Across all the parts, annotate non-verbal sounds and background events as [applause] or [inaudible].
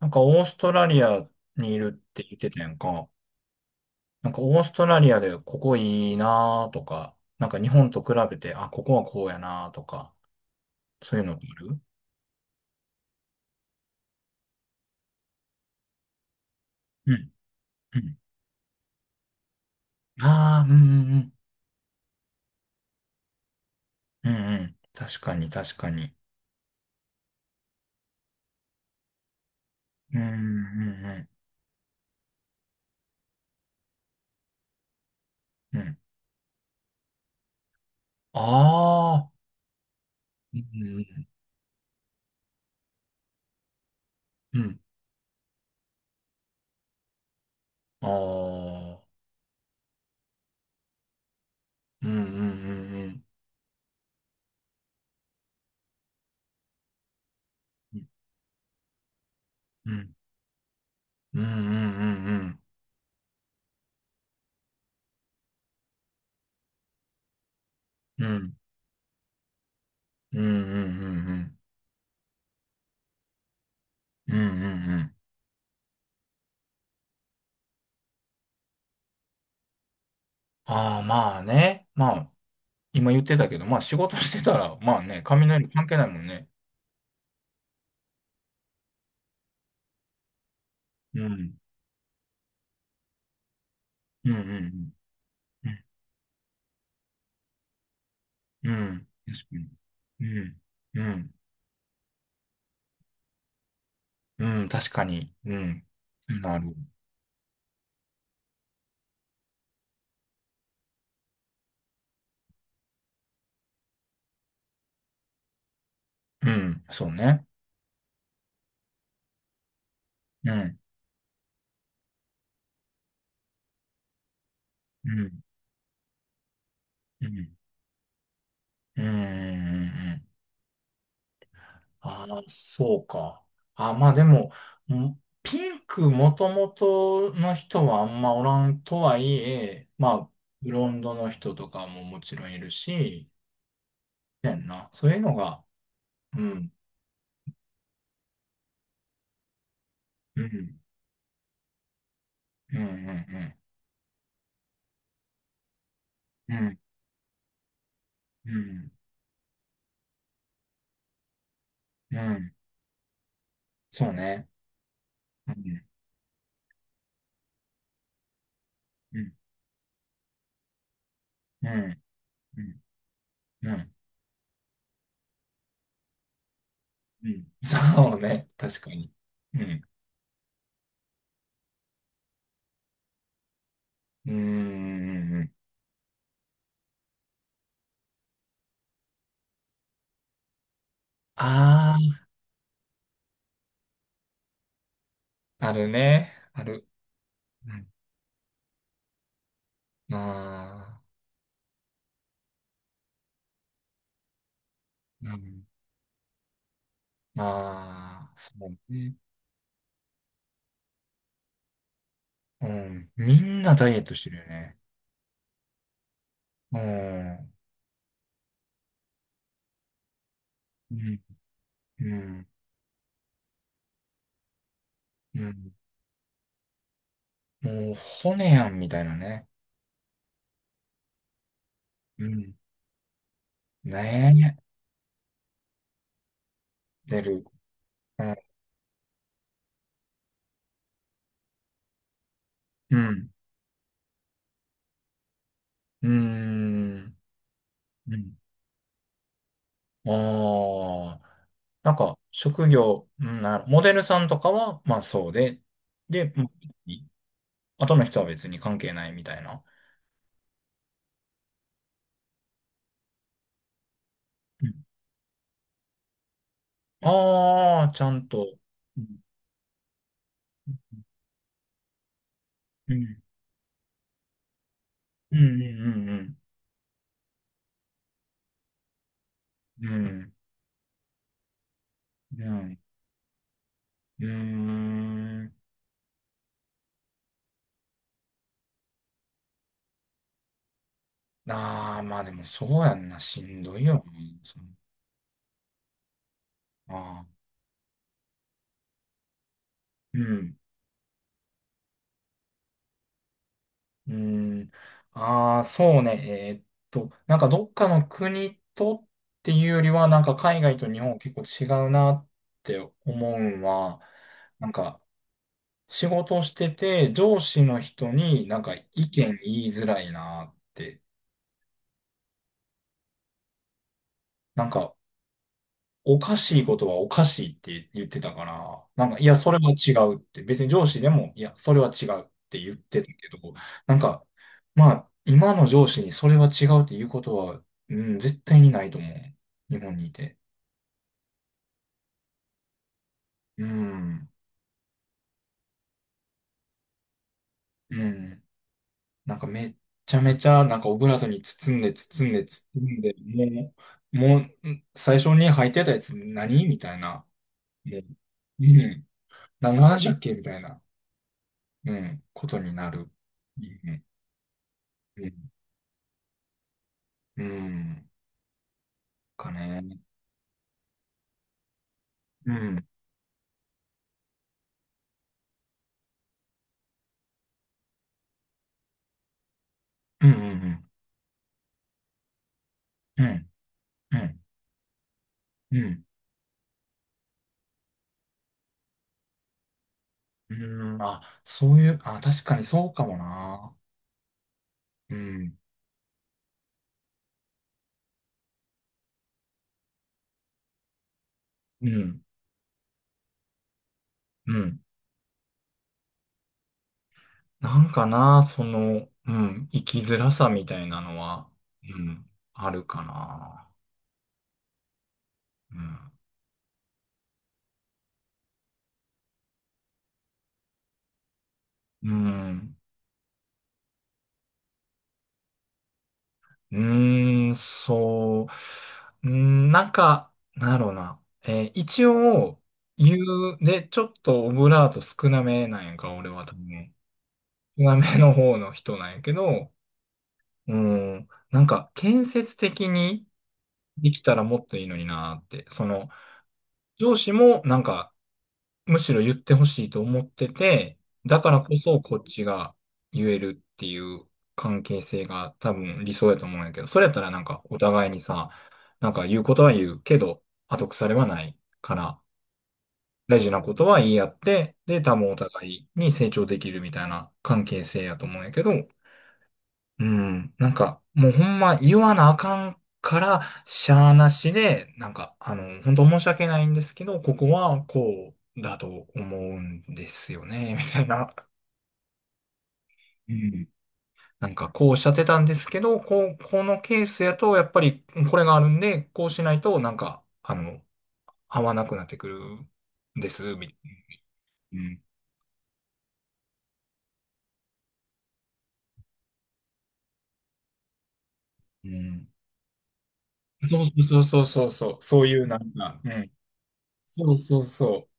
なんかオーストラリアにいるって言ってたやんか。なんかオーストラリアでここいいなーとか、なんか日本と比べて、あ、ここはこうやなーとか、そういうのってある？うん、うん。ああ、うんうんうん。うんうん。確かに確かに。うんうんうんうん。ああ、うんうんうん。ああ、うんうんうんうん。うんうんうんうん。うんうんうんうんうん。うんうんうんうん。ああ、まあね。まあ、今言ってたけど、まあ仕事してたら、まあね、雷関係ないもんね。うん。うんうんうん。うん。うん、確かに。うん。うん。うん。確かに。うん。なる。うん。そうね。うん。うん。うん。うん。うん。ああ、そうか。あ、まあでも、ピンクもともとの人はあんまおらんとはいえ、まあ、ブロンドの人とかももちろんいるし、やんな。そういうのが、うん。うん。うん。うん。うん。うん。うん。うん、そうね。うん。うん。うん。うん。うん。うん、そうね。確かに。うん。うん。うん。ああー、あるね。ある。まあ、うん。まあ、そうね。うん。みんなダイエットしてるよね。うん。うん。うん。うん。もう、骨やんみたたいなね。うん。ねえ。出る。うん。うん。うん。うん。ああ、なんか、職業、うんなる、モデルさんとかは、まあそうで、で、まあ後の人は別に関係ないみたいな。うん、ああ、ちゃんと。うん、うん、うん、うん、うん、うん、うん。うん、ああー、まあでもそうやんな、しんどいよな。その、ああ、うん。うーん。ああ、そうね。えーっなんかどっかの国とっていうよりは、なんか海外と日本結構違うなって思うんは、なんか仕事してて上司の人になんか意見言いづらいなって、なんかおかしいことはおかしいって言ってたから、なんか、いや、それは違うって、別に上司でも、いや、それは違うって言ってたけど、なんか、まあ、今の上司にそれは違うっていうことは、うん、絶対にないと思う。日本にいて。うん、うん。なんかめっちゃめちゃ、なんかオブラートに包んで、包んで、包んで、もう、もう、最初に履いてたやつ何みたいな。もう、うん。何の話だっけみたいな、うん、ことになる。うんうん。うんかね。うん。うん。うんうん。うん。うん。うん。うん。あ、そういう、あ、確かにそうかもな。うん。うん。うん。なんかな、その、うん。生きづらさみたいなのは、うん。あるかな。うん。うん。うーん、そう。うん、なんか、なんだろうな。一応、言う、で、ちょっとオブラート少なめなんやんか、俺は多分。南の方の人なんやけど、うん、なんか建設的にできたらもっといいのになーって、その上司もなんかむしろ言ってほしいと思ってて、だからこそこっちが言えるっていう関係性が多分理想やと思うんやけど、それやったらなんかお互いにさ、なんか言うことは言うけど、後腐れはないから、大事なことは言い合って、で、多分お互いに成長できるみたいな関係性やと思うんやけど、うん。なんか、もうほんま言わなあかんから、しゃあなしで、なんか、あの、本当申し訳ないんですけど、ここはこうだと思うんですよね、みたいな。うん。なんか、こうおっしゃってたんですけど、こう、このケースやと、やっぱりこれがあるんで、こうしないと、なんか、あの、合わなくなってくるんです、みたいな。うん。うん。そうそうそうそうそう、そういうなんか、うん。そうそうそ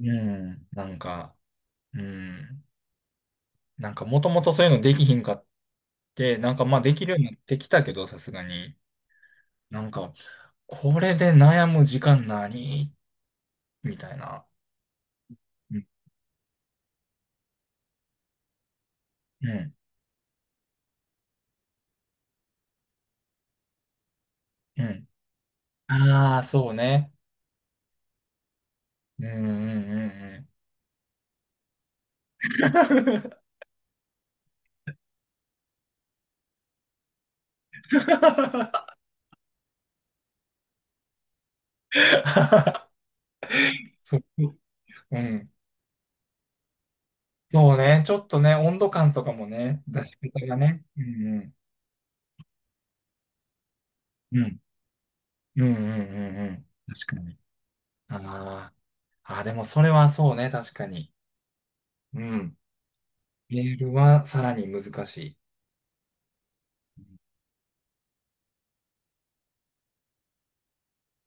う。うん。なんか、うん。なんかもともとそういうのできひんかって、なんかまあできるようになってきたけど、さすがに。なんか、これで悩む時間何みたいな。うん。うん。うん。ああ、そうね。うんうんうんうん。[laughs] そう。うん。そうね。ちょっとね、温度感とかもね、出し方がね。うん、うん。うん。うんうんうんうん。確かに。ああ。ああ、でもそれはそうね、確かに。うん。メールはさらに難しい。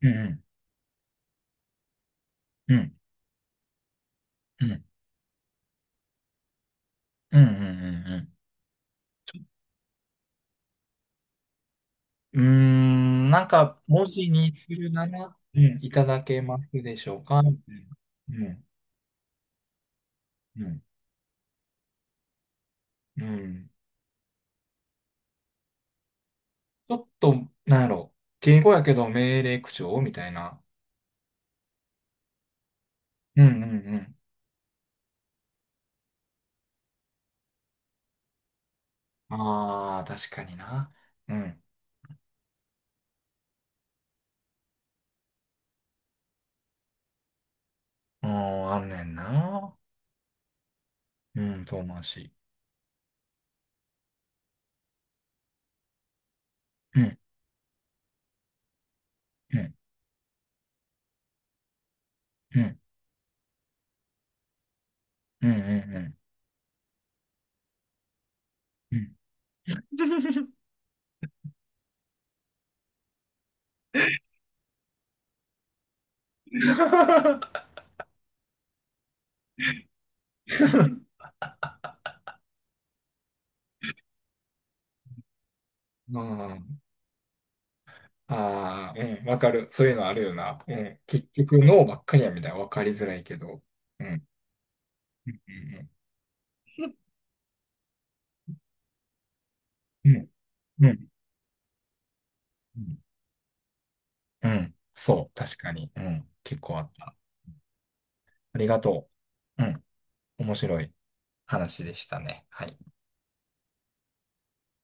うん、うん、うん、うん、うん、うん。うん、うーん、なんか、文字にするなら、うん、いただけますでしょうかみたいな。うん、うん、うん。ちょっと、なんやろ、敬語やけど命令口調みたいな。うん、うん、うん。ああ、確かにな。うん。ああ、あんねんな。うん、遠回し。うん、うん、うん、うん、うん、うん。うん。 [laughs] うん。ああ、うん、わかる。そういうのあるよな。うん。結局、脳ばっかりやみたいな。わかりづらいけど。うん。うん。うん。うん。うん、うん、うん、そう、確かに。うん。結構あった。ありがとう。うん。面白い話でしたね。はい。